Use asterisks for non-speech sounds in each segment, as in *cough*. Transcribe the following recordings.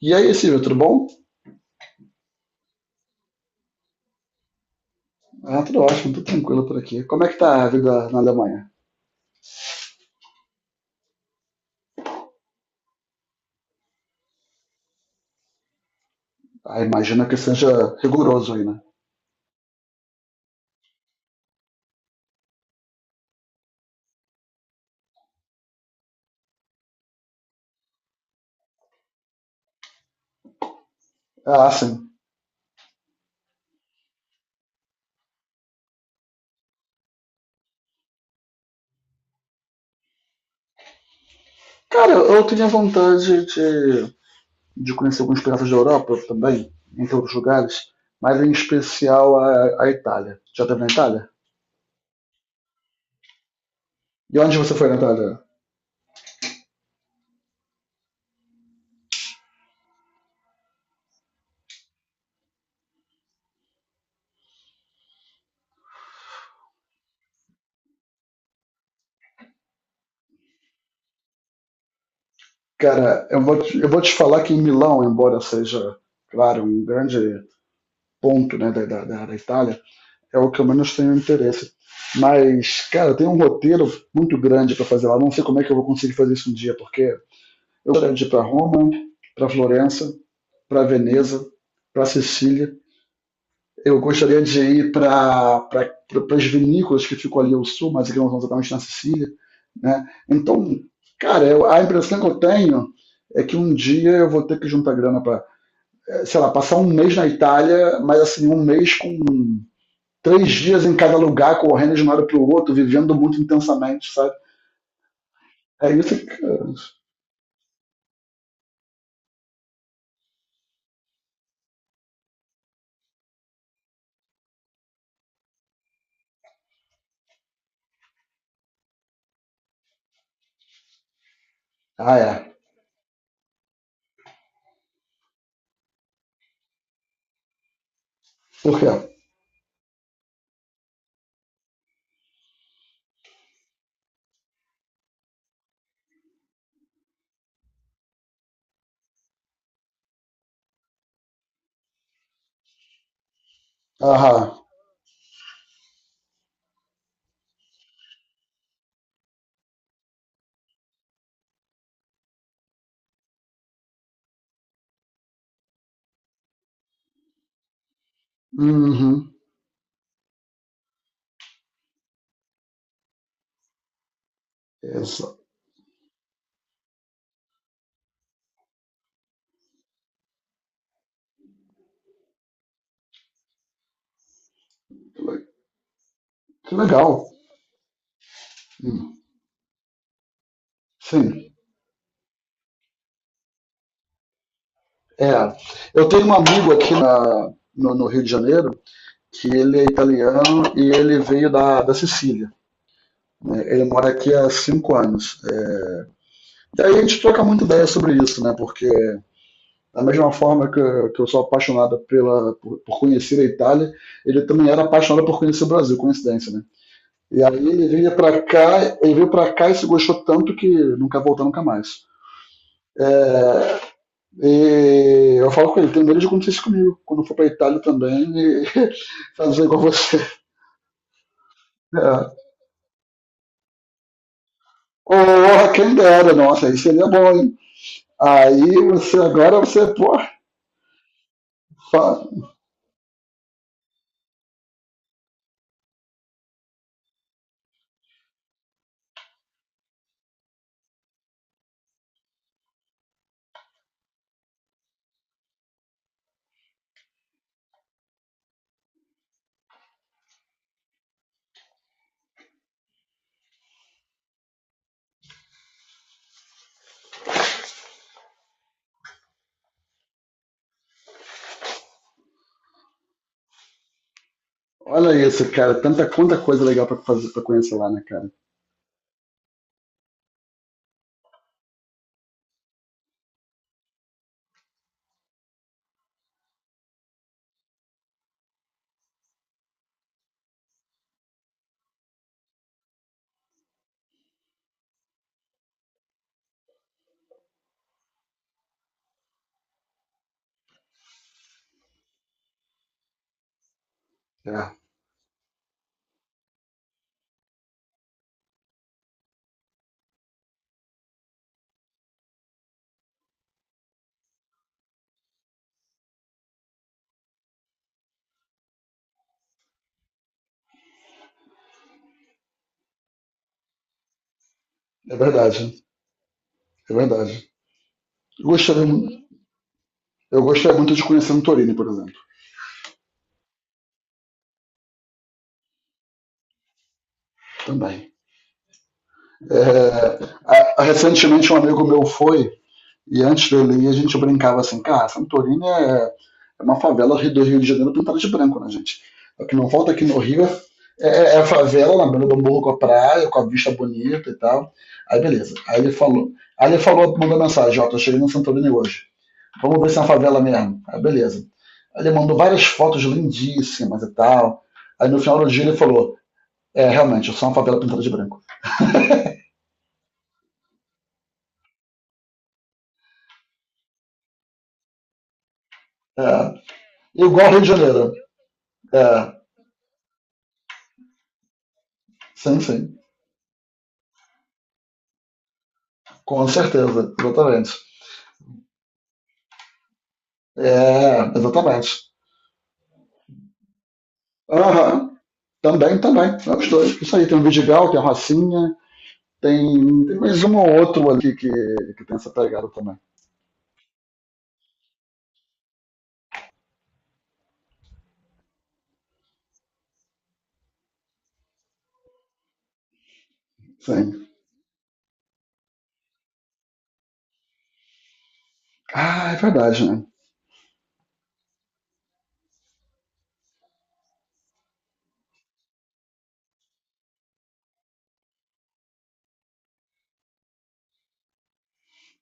E aí, Silvio, tudo bom? Ah, tudo ótimo, tudo tranquilo por aqui. Como é que tá a vida na Alemanha? Ah, imagina que seja rigoroso aí, né? Ah, sim. Cara, eu tinha vontade de conhecer alguns pedaços da Europa também, entre outros lugares, mas em especial a Itália. Já teve na Itália? E onde você foi na Itália? Cara, eu vou te falar que em Milão, embora seja, claro, um grande ponto, né, da Itália, é o que eu menos tenho interesse. Mas, cara, tem um roteiro muito grande para fazer lá. Não sei como é que eu vou conseguir fazer isso um dia, porque eu gostaria de ir para Roma, para Florença, para Veneza, para Sicília. Eu gostaria de ir para as vinícolas que ficam ali ao sul, mas que não são exatamente na Sicília. Né? Então, cara, eu, a impressão que eu tenho é que um dia eu vou ter que juntar grana para, sei lá, passar um mês na Itália, mas assim, um mês com 3 dias em cada lugar, correndo de um lado para o outro, vivendo muito intensamente, sabe? É isso que. Ah, é. Por quê? Aham. Uhum. Isso. Que legal. Hum. Sim. É. Eu tenho um amigo aqui na, no, no, Rio de Janeiro que ele é italiano e ele veio da Sicília. Né? Ele mora aqui há 5 anos. É... E aí a gente troca muita ideia sobre isso, né? Porque da mesma forma que eu sou apaixonado por conhecer a Itália, ele também era apaixonado por conhecer o Brasil, coincidência, né? E aí ele veio para cá, ele veio para cá e se gostou tanto que nunca voltou nunca mais. É, e eu falo com ele, tem medo de acontecer isso comigo, quando eu for pra Itália também e *laughs* fazer igual você. É. Oh, quem dera, nossa, aí seria bom, hein? Aí você agora você, pô, fa- olha isso, cara, tanta quanta coisa legal pra fazer para conhecer lá, né, cara? É. É verdade, é verdade. Eu gostaria, mu- eu gostaria muito de conhecer Santorini, por exemplo, também. É, recentemente um amigo meu foi, e antes dele ir, a gente brincava assim, cara, Santorini é uma favela do Rio de Janeiro pintada de branco, né, gente? O que não falta aqui no Rio é a favela na beira do morro com a praia, com a vista bonita e tal. Aí beleza. Aí ele falou, mandou mensagem, ó, tô chegando em Santorini hoje. Vamos ver se é uma favela mesmo. Ah, beleza. Ele mandou várias fotos lindíssimas e tal. Aí no final do dia ele falou: é, realmente, eu sou uma favela pintada de branco. É, igual ao Rio de Janeiro. É, sim, sim. Com certeza, exatamente. É, exatamente. Aham. Também, também. É os dois. Isso aí, tem o Vidigal, tem a Rocinha, tem, tem mais um ou outro ali que tem essa pegada também. Sim. Ah, é verdade, né?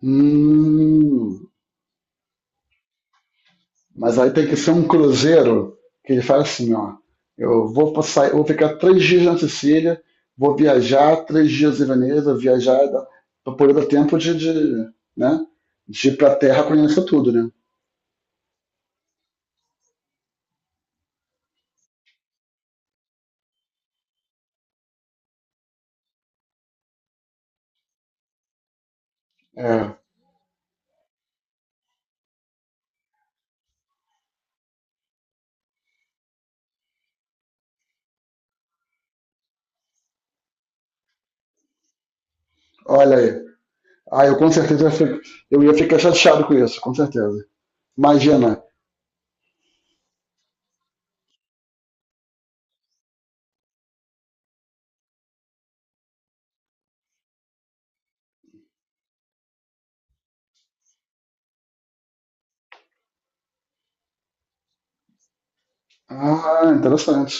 Hum. Mas aí tem que ser um cruzeiro que ele fala assim, ó. Eu vou passar, eu vou ficar 3 dias na Sicília, vou viajar 3 dias em Veneza, viajar para poder dar tempo de né, de ir para a Terra conhecer tudo, né? É, olha aí. Ah, eu com certeza ia fi- eu ia ficar chateado com isso, com certeza. Imagina. Ah, interessante.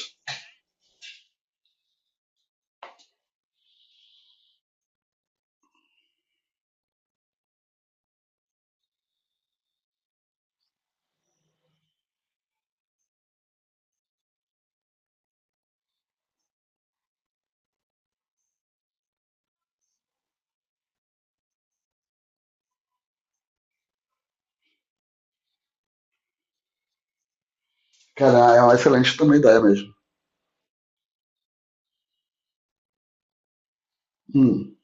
Cara, é uma excelente também ideia mesmo. Hum.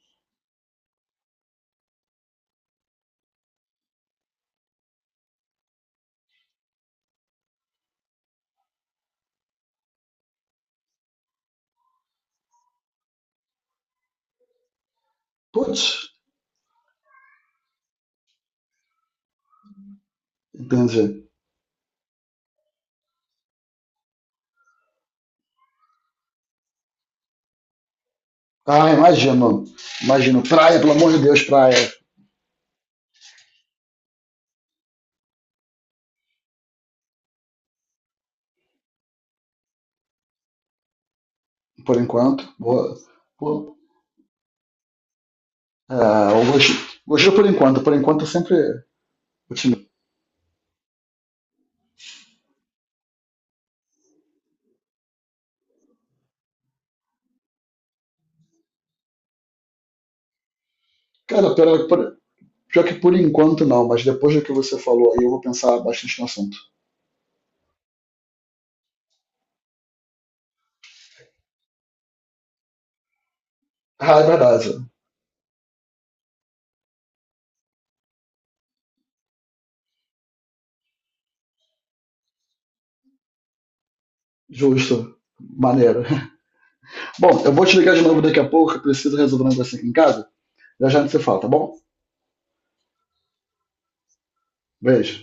Putz, entendi. Ah, imagino. Imagino. Praia, pelo amor de Deus, praia. Por enquanto. Boa, boa. Ah, o Gojira, por enquanto eu sempre otimista. Cara, pera, pior que por enquanto não, mas depois do que você falou aí eu vou pensar bastante no assunto. Ah, é verdade. Justo. Maneiro. *laughs* Bom, eu vou te ligar de novo daqui a pouco, eu preciso resolver um negócio aqui em casa. Já já a gente se fala, tá bom? Beijo.